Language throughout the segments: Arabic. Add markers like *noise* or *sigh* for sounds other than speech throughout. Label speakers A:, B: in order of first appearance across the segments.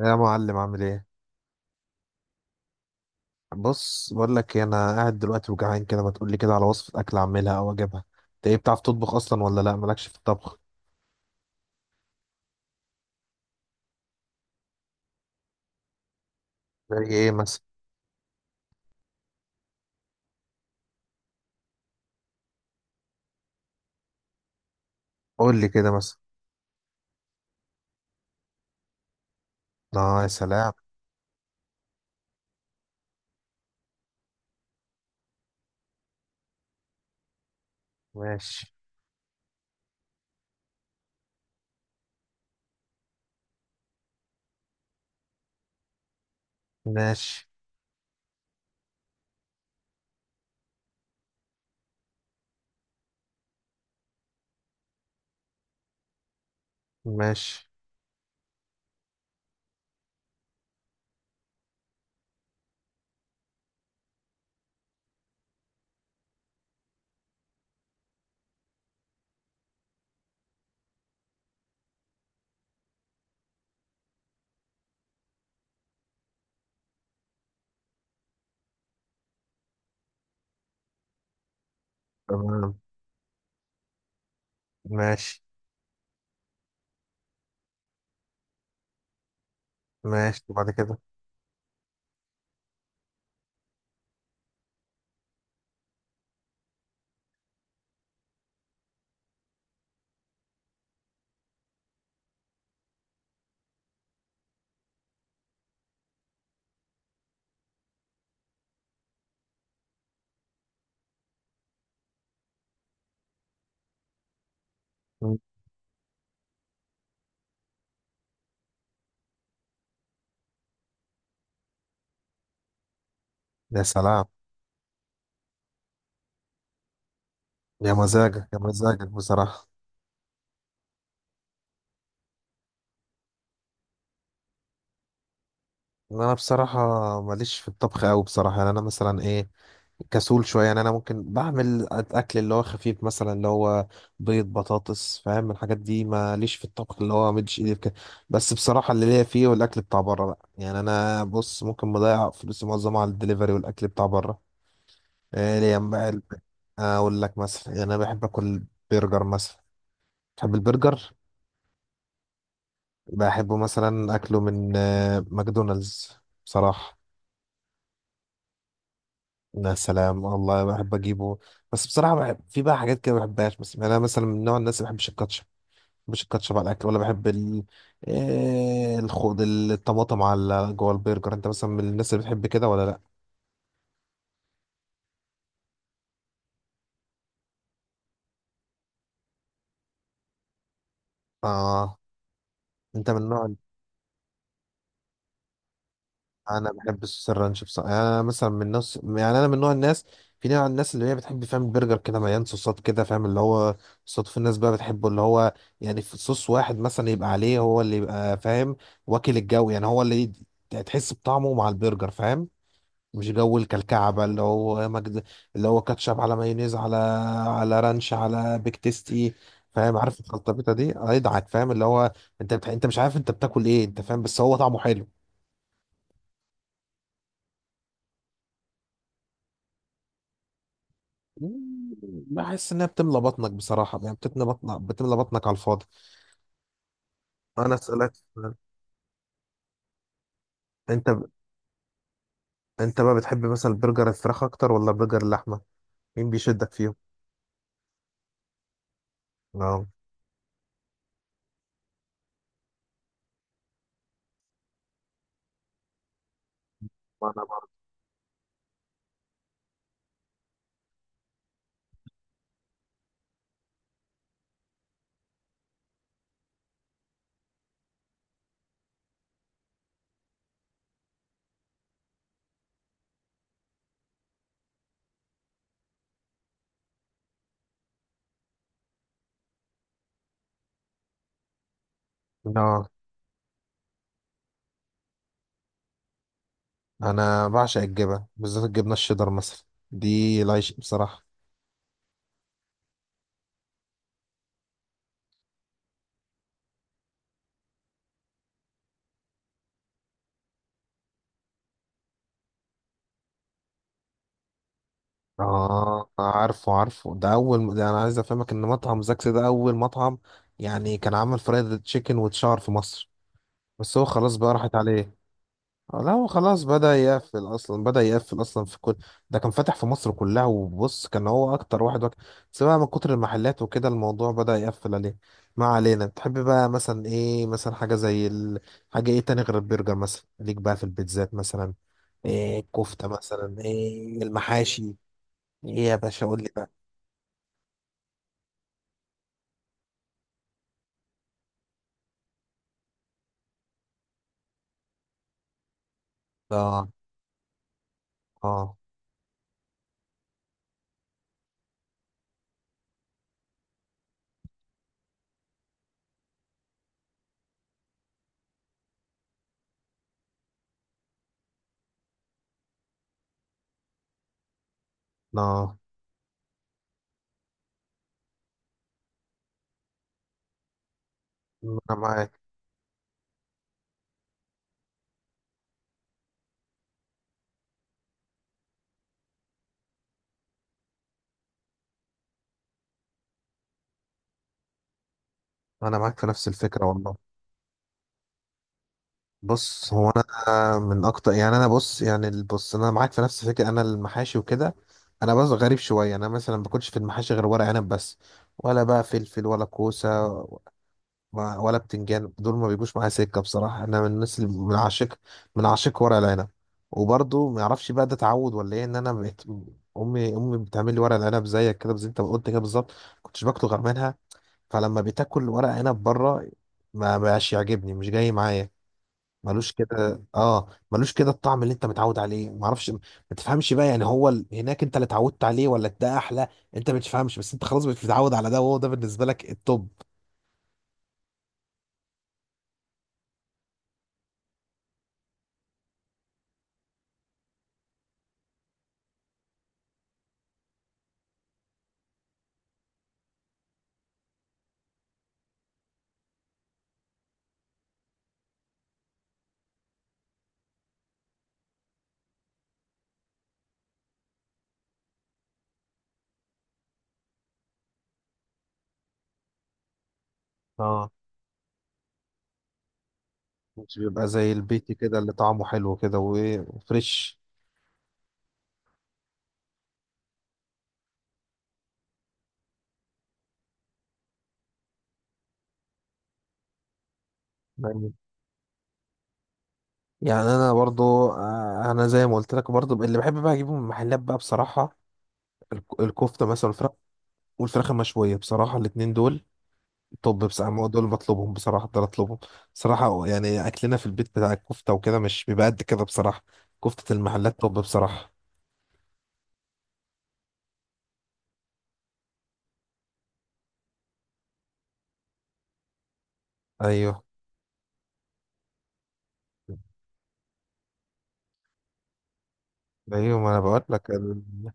A: يا معلم، عامل ايه؟ بص، بقول لك إيه، انا قاعد دلوقتي وجعان كده، ما تقول لي كده على وصفه اكل اعملها او اجيبها. انت، ايه، بتعرف تطبخ اصلا ولا لا؟ مالكش في الطبخ؟ زي ايه مثلا؟ قول لي كده مثلا. اه، يا سلام. ماشي. ماشي. ماشي. تمام. ماشي. ماشي وبعد كده. مم. يا سلام. يا مزاجك، يا مزاجك بصراحه. انا بصراحه ماليش في الطبخ قوي بصراحه، يعني انا مثلا، ايه، كسول شويه. يعني انا ممكن بعمل اكل اللي هو خفيف، مثلا اللي هو بيض، بطاطس، فاهم الحاجات دي. ماليش في الطبخ اللي هو مدش ايدي في كده. بس بصراحه اللي ليا فيه والاكل بتاع بره بقى، يعني انا بص، ممكن مضيع فلوسي معظمها على الدليفري والاكل بتاع بره. ايه ليه بقى اقول لك مثلا، يعني انا بحب اكل برجر مثلا، بحب البرجر. بحبه مثلا اكله من ماكدونالدز بصراحه. يا سلام، والله بحب اجيبه. بس بصراحه بحب في بقى حاجات كده ما بحبهاش، بس يعني انا مثلا من نوع الناس اللي ما بحبش الكاتشب، ما بحبش الكاتشب على الاكل، ولا بحب ال آه، الخوض الطماطم على جوه البرجر. انت مثلا من الناس اللي بتحب كده ولا لا؟ اه. انت من نوع. انا بحب السوس الرانش بصراحه، يعني انا مثلا من نفس، يعني انا من نوع الناس، في نوع الناس اللي هي بتحب، فاهم، البرجر كده مليان صوصات، كده فاهم اللي هو صوصات. في الناس بقى بتحبه اللي هو، يعني في صوص واحد مثلا يبقى عليه هو اللي يبقى، فاهم، واكل الجو، يعني هو اللي تحس بطعمه مع البرجر، فاهم. مش جو الكلكعه بقى اللي هو مجد، اللي هو كاتشب على مايونيز، على رانش، على بيك تيستي، فاهم؟ عارف الخلطبيطه دي، هيضحك، فاهم، اللي هو انت مش عارف انت بتاكل ايه، انت فاهم، بس هو طعمه حلو. مم، بحس انها بتملى بطنك بصراحه، يعني بتملى بطنك، بتملى بطنك على الفاضي. انا اسالك سؤال. انت ب... انت بقى بتحب مثلا برجر الفراخ اكتر ولا برجر اللحمه؟ مين بيشدك فيهم؟ اه. انا برضه. اه. انا بعشق الجبن، بالذات الجبنه الشيدر مثلا، دي العيش بصراحه. اه، عارفه عارفه، ده اول، ده انا عايز افهمك ان مطعم زاكس ده اول مطعم يعني كان عامل فرايد تشيكن وتشار في مصر، بس هو خلاص بقى راحت عليه. لا، هو خلاص بدأ يقفل أصلا، في كل. ده كان فاتح في مصر كلها، وبص كان هو أكتر واحد بس بقى من كتر المحلات وكده الموضوع بدأ يقفل عليه. ما علينا. بتحب بقى مثلا، إيه مثلا، حاجة زي حاجة إيه تاني غير البرجر مثلا؟ ليك بقى في البيتزات مثلا، إيه الكفتة، مثلا إيه المحاشي؟ إيه يا باشا؟ قول لي بقى. آه. آه. آه. أنا معاك. أنا معاك في نفس الفكرة والله. بص، هو انا من اكتر، يعني انا بص، يعني بص انا معاك في نفس الفكره. انا المحاشي وكده، انا بس غريب شويه، انا مثلا ما باكلش في المحاشي غير ورق عنب بس. ولا بقى فلفل ولا كوسه ولا بتنجان، دول ما بيجوش معايا سكه بصراحه. انا من الناس اللي من عاشق ورق العنب. وبرضه ما اعرفش بقى، ده تعود ولا ايه، ان انا بقيت، امي امي بتعمل لي ورق العنب زيك كده، زي انت ما قلت كده بالظبط. كنتش باكله غير منها. فلما بتاكل ورق عنب بره، ما بقاش يعجبني، مش جاي معايا، ملوش كده. اه، ملوش كده الطعم اللي انت متعود عليه، ما اعرفش، ما تفهمش بقى. يعني هو هناك انت اللي اتعودت عليه ولا ده احلى؟ انت ما تفهمش، بس انت خلاص مش متعود على ده، وهو ده بالنسبه لك التوب. اه، مش بيبقى زي البيت كده اللي طعمه حلو كده، وايه، وفريش. يعني، يعني انا برضو، انا زي ما قلت لك برضو، اللي بحب بقى اجيبه من المحلات بقى بصراحه الكفته مثلا، والفراخ، والفراخ المشويه بصراحه، الاتنين دول. طب بصراحة، ما هو دول بطلبهم، بصراحة دول اطلبهم. بصراحة يعني اكلنا في البيت بتاع الكفتة وكده مش بيبقى قد كده بصراحة كفتة المحلات. طب بصراحة. ايوه، ايوه، ما انا بقول لك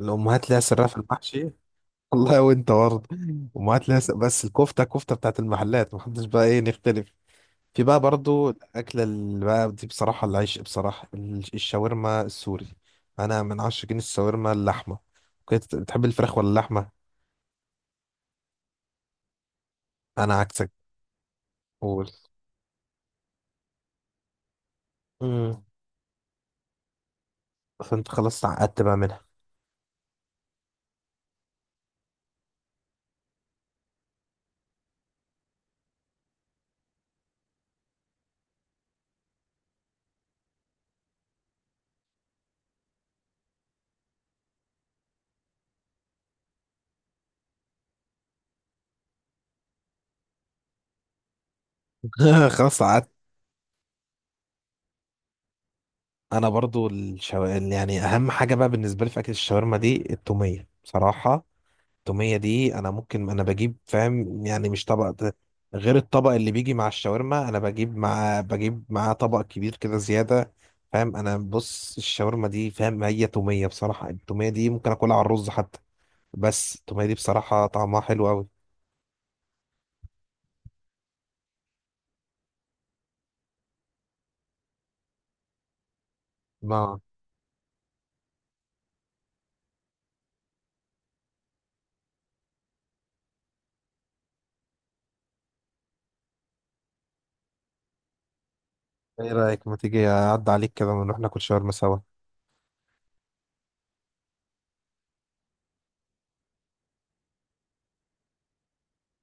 A: الامهات ليها سرها في المحشي. *laughs* والله وانت برضه، امهات ليها بس الكفتة، كفتة بتاعت المحلات محدش بقى، ايه، نختلف. في بقى برضو الأكلة اللي بقى دي بصراحة العيش بصراحة الشاورما السوري. أنا من عشاقين الشاورما اللحمة. كنت بتحب الفراخ ولا اللحمة؟ أنا عكسك. قول. مم. فانت خلاص تعقدت بقى منها. *laughs* خلاص تعقدت. انا برضو يعني اهم حاجه بقى بالنسبه لي في اكل الشاورما دي التوميه بصراحه. التوميه دي انا ممكن، بجيب، فاهم، يعني مش طبق ده غير الطبق اللي بيجي مع الشاورما. انا بجيب معاه طبق كبير كده زياده، فاهم. انا بص الشاورما دي فاهم، هي توميه بصراحه. التوميه دي ممكن اكلها على الرز حتى، بس التوميه دي بصراحه طعمها حلو قوي. ما، ايه رايك ما تيجي اعدي عليك كده ونروح ناكل شاورما سوا؟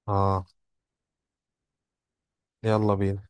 A: اه، يلا بينا.